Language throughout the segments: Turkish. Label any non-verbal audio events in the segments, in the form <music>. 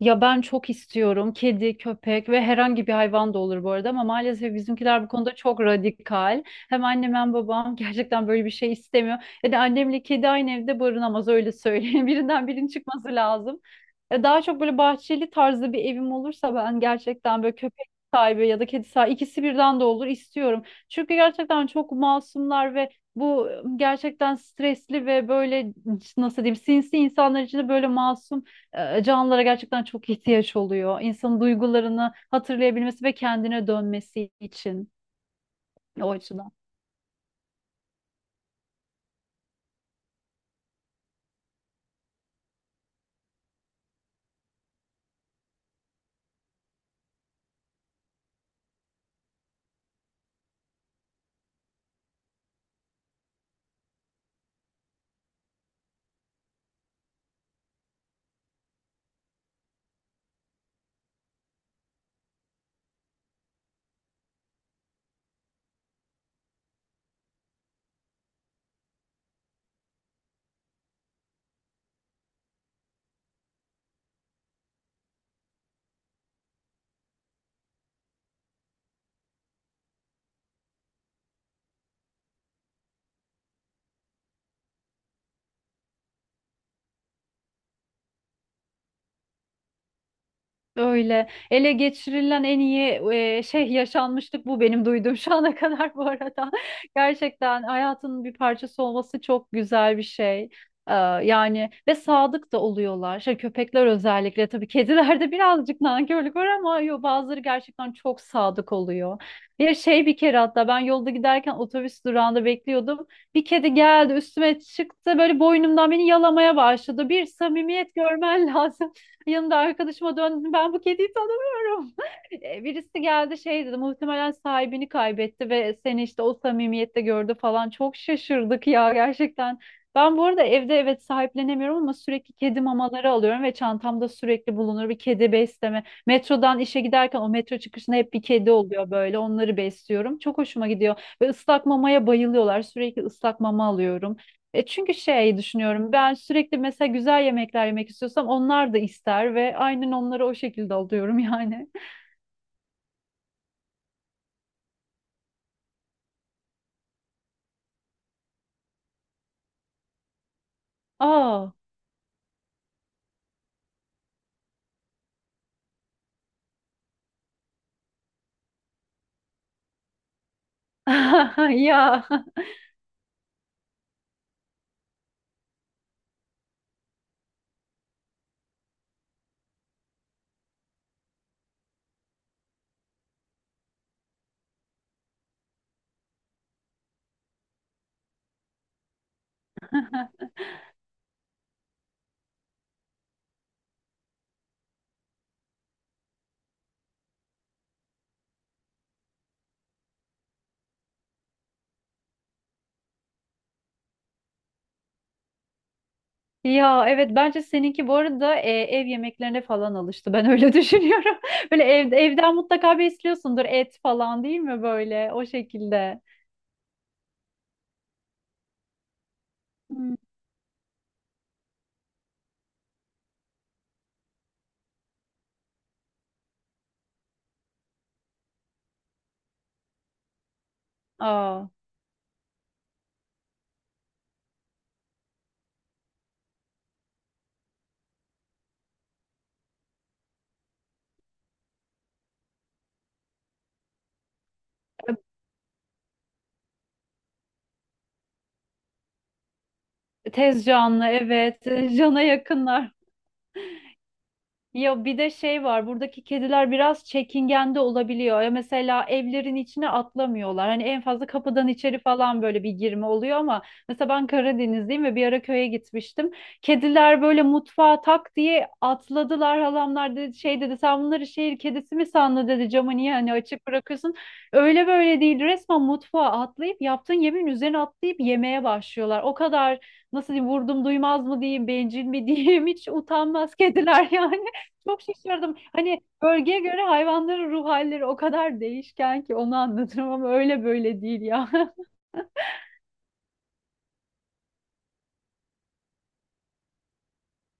Ya ben çok istiyorum kedi, köpek ve herhangi bir hayvan da olur bu arada ama maalesef bizimkiler bu konuda çok radikal. Hem annem hem babam <laughs> gerçekten böyle bir şey istemiyor. Ya da annemle kedi aynı evde barınamaz öyle söyleyeyim. <laughs> Birinden birinin çıkması lazım. Daha çok böyle bahçeli tarzda bir evim olursa ben gerçekten böyle köpek sahibi ya da kedi sahibi ikisi birden de olur istiyorum. Çünkü gerçekten çok masumlar ve bu gerçekten stresli ve böyle nasıl diyeyim sinsi insanlar için de böyle masum canlılara gerçekten çok ihtiyaç oluyor. İnsanın duygularını hatırlayabilmesi ve kendine dönmesi için o açıdan. Öyle ele geçirilen en iyi şey yaşanmışlık bu benim duyduğum <laughs> şu ana kadar bu arada. <laughs> Gerçekten hayatının bir parçası olması çok güzel bir şey. Ee, yani ve sadık da oluyorlar. Şey, köpekler özellikle tabii kedilerde <laughs> birazcık nankörlük var ama yo, bazıları gerçekten çok sadık oluyor. Bir şey bir kere hatta ben yolda giderken otobüs durağında bekliyordum. Bir kedi geldi üstüme çıktı böyle boynumdan beni yalamaya başladı. Bir samimiyet görmen <laughs> lazım. Yanımda arkadaşıma döndüm. Ben bu kediyi tanımıyorum. <laughs> Birisi geldi şey dedi. Muhtemelen sahibini kaybetti ve seni işte o samimiyette gördü falan. Çok şaşırdık ya gerçekten. Ben bu arada evde evet sahiplenemiyorum ama sürekli kedi mamaları alıyorum ve çantamda sürekli bulunur bir kedi besleme. Metrodan işe giderken o metro çıkışında hep bir kedi oluyor böyle onları besliyorum. Çok hoşuma gidiyor ve ıslak mamaya bayılıyorlar sürekli ıslak mama alıyorum. E çünkü şey düşünüyorum ben sürekli mesela güzel yemekler yemek istiyorsam onlar da ister ve aynen onları o şekilde alıyorum yani. <laughs> Aa <laughs> ya ya evet bence seninki bu arada ev yemeklerine falan alıştı ben öyle <laughs> düşünüyorum. Böyle evden mutlaka bir istiyorsundur et falan değil mi böyle o şekilde. Hmm. Aa tez canlı evet. <laughs> Cana yakınlar. Ya bir de şey var buradaki kediler biraz çekingen de olabiliyor. Ya mesela evlerin içine atlamıyorlar. Hani en fazla kapıdan içeri falan böyle bir girme oluyor ama mesela ben Karadenizliyim ve bir ara köye gitmiştim. Kediler böyle mutfağa tak diye atladılar. Halamlar dedi, şey dedi sen bunları şehir kedisi mi sandın dedi camı niye hani açık bırakıyorsun. Öyle böyle değil resmen mutfağa atlayıp yaptığın yemeğin üzerine atlayıp yemeye başlıyorlar. O kadar nasıl diyeyim vurdum duymaz mı diyeyim bencil mi diyeyim <laughs> hiç utanmaz kediler <laughs> yani. Çok şaşırdım. Hani bölgeye göre hayvanların ruh halleri o kadar değişken ki onu anlatırım ama öyle böyle değil ya. <laughs>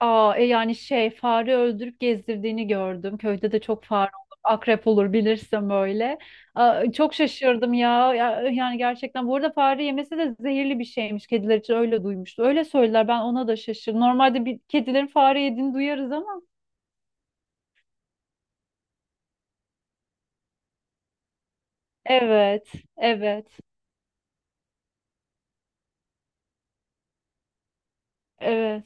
Aa, e yani şey fare öldürüp gezdirdiğini gördüm. Köyde de çok fare olur, akrep olur bilirsem öyle. Aa, çok şaşırdım ya. Ya, yani gerçekten bu arada fare yemesi de zehirli bir şeymiş. Kediler için öyle duymuştu. Öyle söylediler ben ona da şaşırdım. Normalde bir kedilerin fare yediğini duyarız ama. Evet, evet, evet.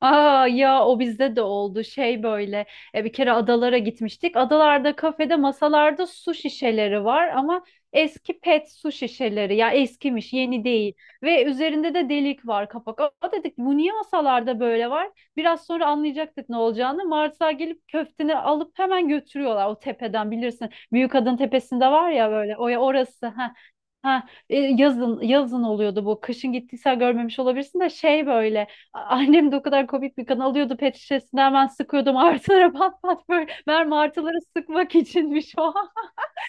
Aa ya o bizde de oldu şey böyle bir kere adalara gitmiştik. Adalarda kafede masalarda su şişeleri var ama eski pet su şişeleri ya eskimiş yeni değil ve üzerinde de delik var kapak. Aa dedik bu niye masalarda böyle var? Biraz sonra anlayacaktık ne olacağını. Martılar gelip köfteni alıp hemen götürüyorlar o tepeden bilirsin. Büyük Adın tepesinde var ya böyle o orası. Ha. Ha, yazın oluyordu bu. Kışın gittiysen görmemiş olabilirsin de şey böyle. Annem de o kadar komik bir kan alıyordu pet şişesinden hemen sıkıyordum <laughs> artılara pat pat böyle mermi artıları sıkmak içinmiş o.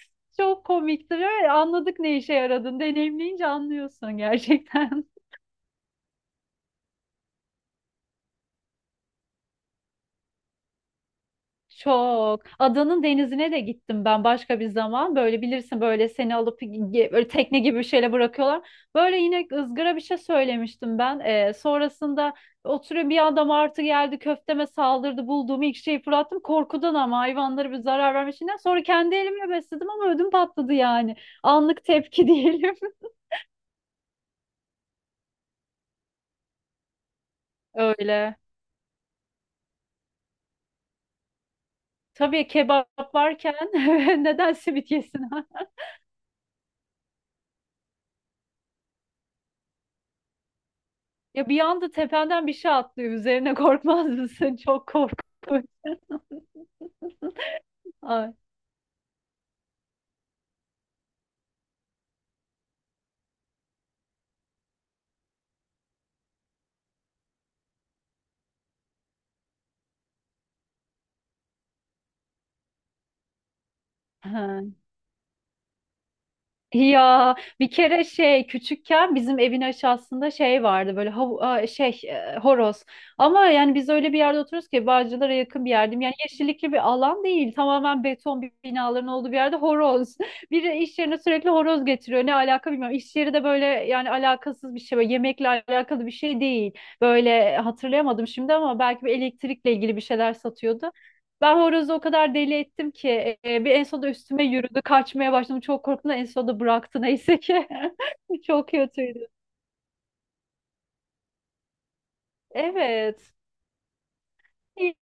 <laughs> Çok komiktir. Evet, anladık ne işe yaradığını deneyimleyince anlıyorsun gerçekten. Çok. Adanın denizine de gittim ben başka bir zaman. Böyle bilirsin böyle seni alıp böyle tekne gibi bir şeyle bırakıyorlar. Böyle yine ızgara bir şey söylemiştim ben. Sonrasında oturuyor bir adam artı geldi köfteme saldırdı. Bulduğum ilk şeyi fırlattım. Korkudan ama hayvanlara bir zarar vermişinden. Sonra kendi elimle besledim ama ödüm patladı yani. Anlık tepki <laughs> diyelim. Öyle. Tabii kebap varken <laughs> neden simit yesin. Ya bir anda tependen bir şey atlıyor. Üzerine korkmaz mısın? <laughs> Çok korkunç. Ay. Ha. Ya bir kere şey küçükken bizim evin aşağısında şey vardı böyle şey horoz ama yani biz öyle bir yerde oturuyoruz ki Bağcılar'a yakın bir yerdim yani yeşillikli bir alan değil tamamen beton bir binaların olduğu bir yerde horoz <laughs> biri iş yerine sürekli horoz getiriyor ne alaka bilmiyorum iş yeri de böyle yani alakasız bir şey böyle yemekle alakalı bir şey değil böyle hatırlayamadım şimdi ama belki bir elektrikle ilgili bir şeyler satıyordu ben horozu o kadar deli ettim ki en sonunda üstüme yürüdü. Kaçmaya başladım. Çok korktum da en sonunda bıraktı neyse ki. <laughs> Çok kötüydü. Evet.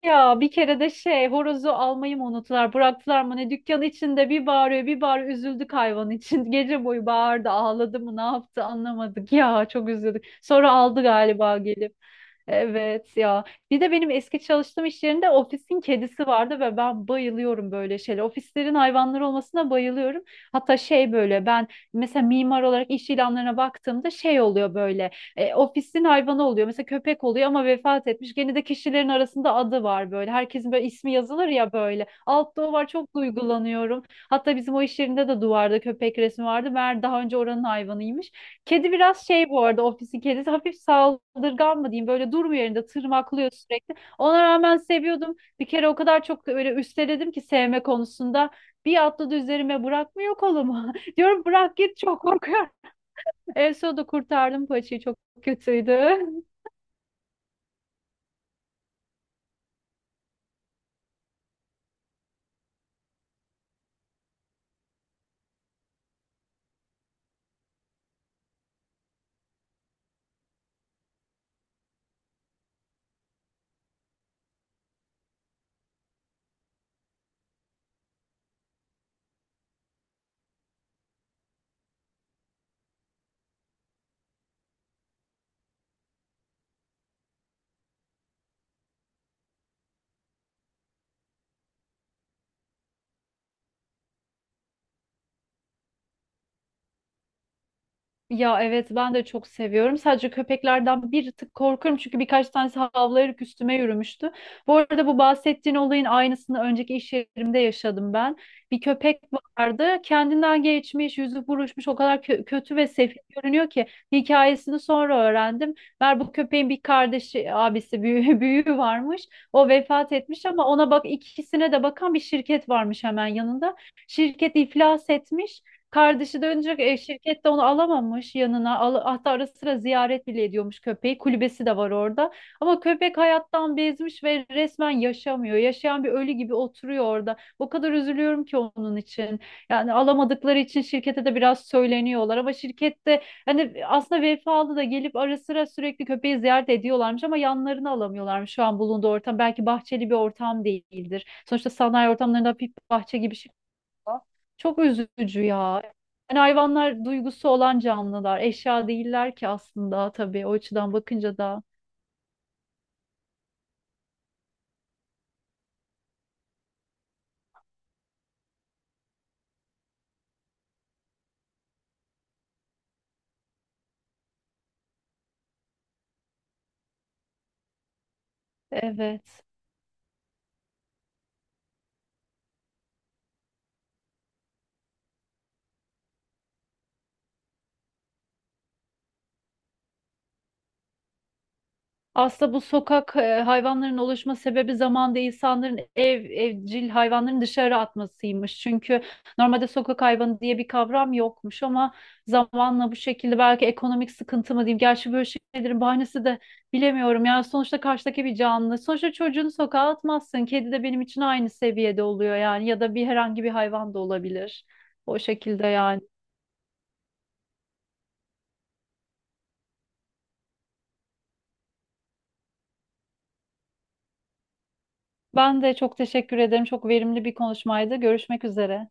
Ya bir kere de şey horozu almayı mı unuttular bıraktılar mı ne dükkan içinde bir bağırıyor bir bağırıyor üzüldük hayvan için <laughs> gece boyu bağırdı ağladı mı ne yaptı anlamadık ya çok üzüldük sonra aldı galiba gelip evet ya bir de benim eski çalıştığım iş yerinde ofisin kedisi vardı ve ben bayılıyorum böyle şeyler ofislerin hayvanları olmasına bayılıyorum hatta şey böyle ben mesela mimar olarak iş ilanlarına baktığımda şey oluyor böyle ofisin hayvanı oluyor. Mesela köpek oluyor ama vefat etmiş. Gene de kişilerin arasında adı var böyle. Herkesin böyle ismi yazılır ya böyle. Altta o var çok duygulanıyorum. Hatta bizim o iş yerinde de duvarda köpek resmi vardı. Meğer daha önce oranın hayvanıymış. Kedi biraz şey bu arada ofisin kedisi. Hafif saldırgan mı diyeyim. Böyle durmuyor yerinde tırmaklıyor sürekli. Ona rağmen seviyordum. Bir kere o kadar çok böyle üsteledim ki sevme konusunda. Bir atladı üzerime bırakmıyor kolumu. <laughs> Diyorum bırak git çok korkuyorum. En sonunda kurtardım paçayı çok kötüydü. <laughs> Ya evet ben de çok seviyorum. Sadece köpeklerden bir tık korkuyorum çünkü birkaç tanesi havlayarak üstüme yürümüştü. Bu arada bu bahsettiğin olayın aynısını önceki iş yerimde yaşadım ben. Bir köpek vardı kendinden geçmiş, yüzü buruşmuş o kadar kötü ve sefil görünüyor ki hikayesini sonra öğrendim. Meğer bu köpeğin bir kardeşi, abisi, büyüğü, <laughs> büyüğü varmış. O vefat etmiş ama ona bak ikisine de bakan bir şirket varmış hemen yanında. Şirket iflas etmiş. Kardeşi dönecek şirket de onu alamamış yanına. Al, hatta ara sıra ziyaret bile ediyormuş köpeği. Kulübesi de var orada. Ama köpek hayattan bezmiş ve resmen yaşamıyor. Yaşayan bir ölü gibi oturuyor orada. O kadar üzülüyorum ki onun için. Yani alamadıkları için şirkete de biraz söyleniyorlar ama şirkette hani aslında vefalı da gelip ara sıra sürekli köpeği ziyaret ediyorlarmış ama yanlarını alamıyorlarmış şu an bulunduğu ortam. Belki bahçeli bir ortam değildir. Sonuçta sanayi ortamlarında hafif bahçe gibi çok üzücü ya. Yani hayvanlar duygusu olan canlılar. Eşya değiller ki aslında tabii o açıdan bakınca da. Evet. Aslında bu sokak hayvanların oluşma sebebi zamanda insanların evcil hayvanların dışarı atmasıymış. Çünkü normalde sokak hayvanı diye bir kavram yokmuş ama zamanla bu şekilde belki ekonomik sıkıntı mı diyeyim. Gerçi böyle şeylerin bahanesi de bilemiyorum. Yani sonuçta karşıdaki bir canlı. Sonuçta çocuğunu sokağa atmazsın. Kedi de benim için aynı seviyede oluyor yani ya da bir herhangi bir hayvan da olabilir. O şekilde yani. Ben de çok teşekkür ederim. Çok verimli bir konuşmaydı. Görüşmek üzere.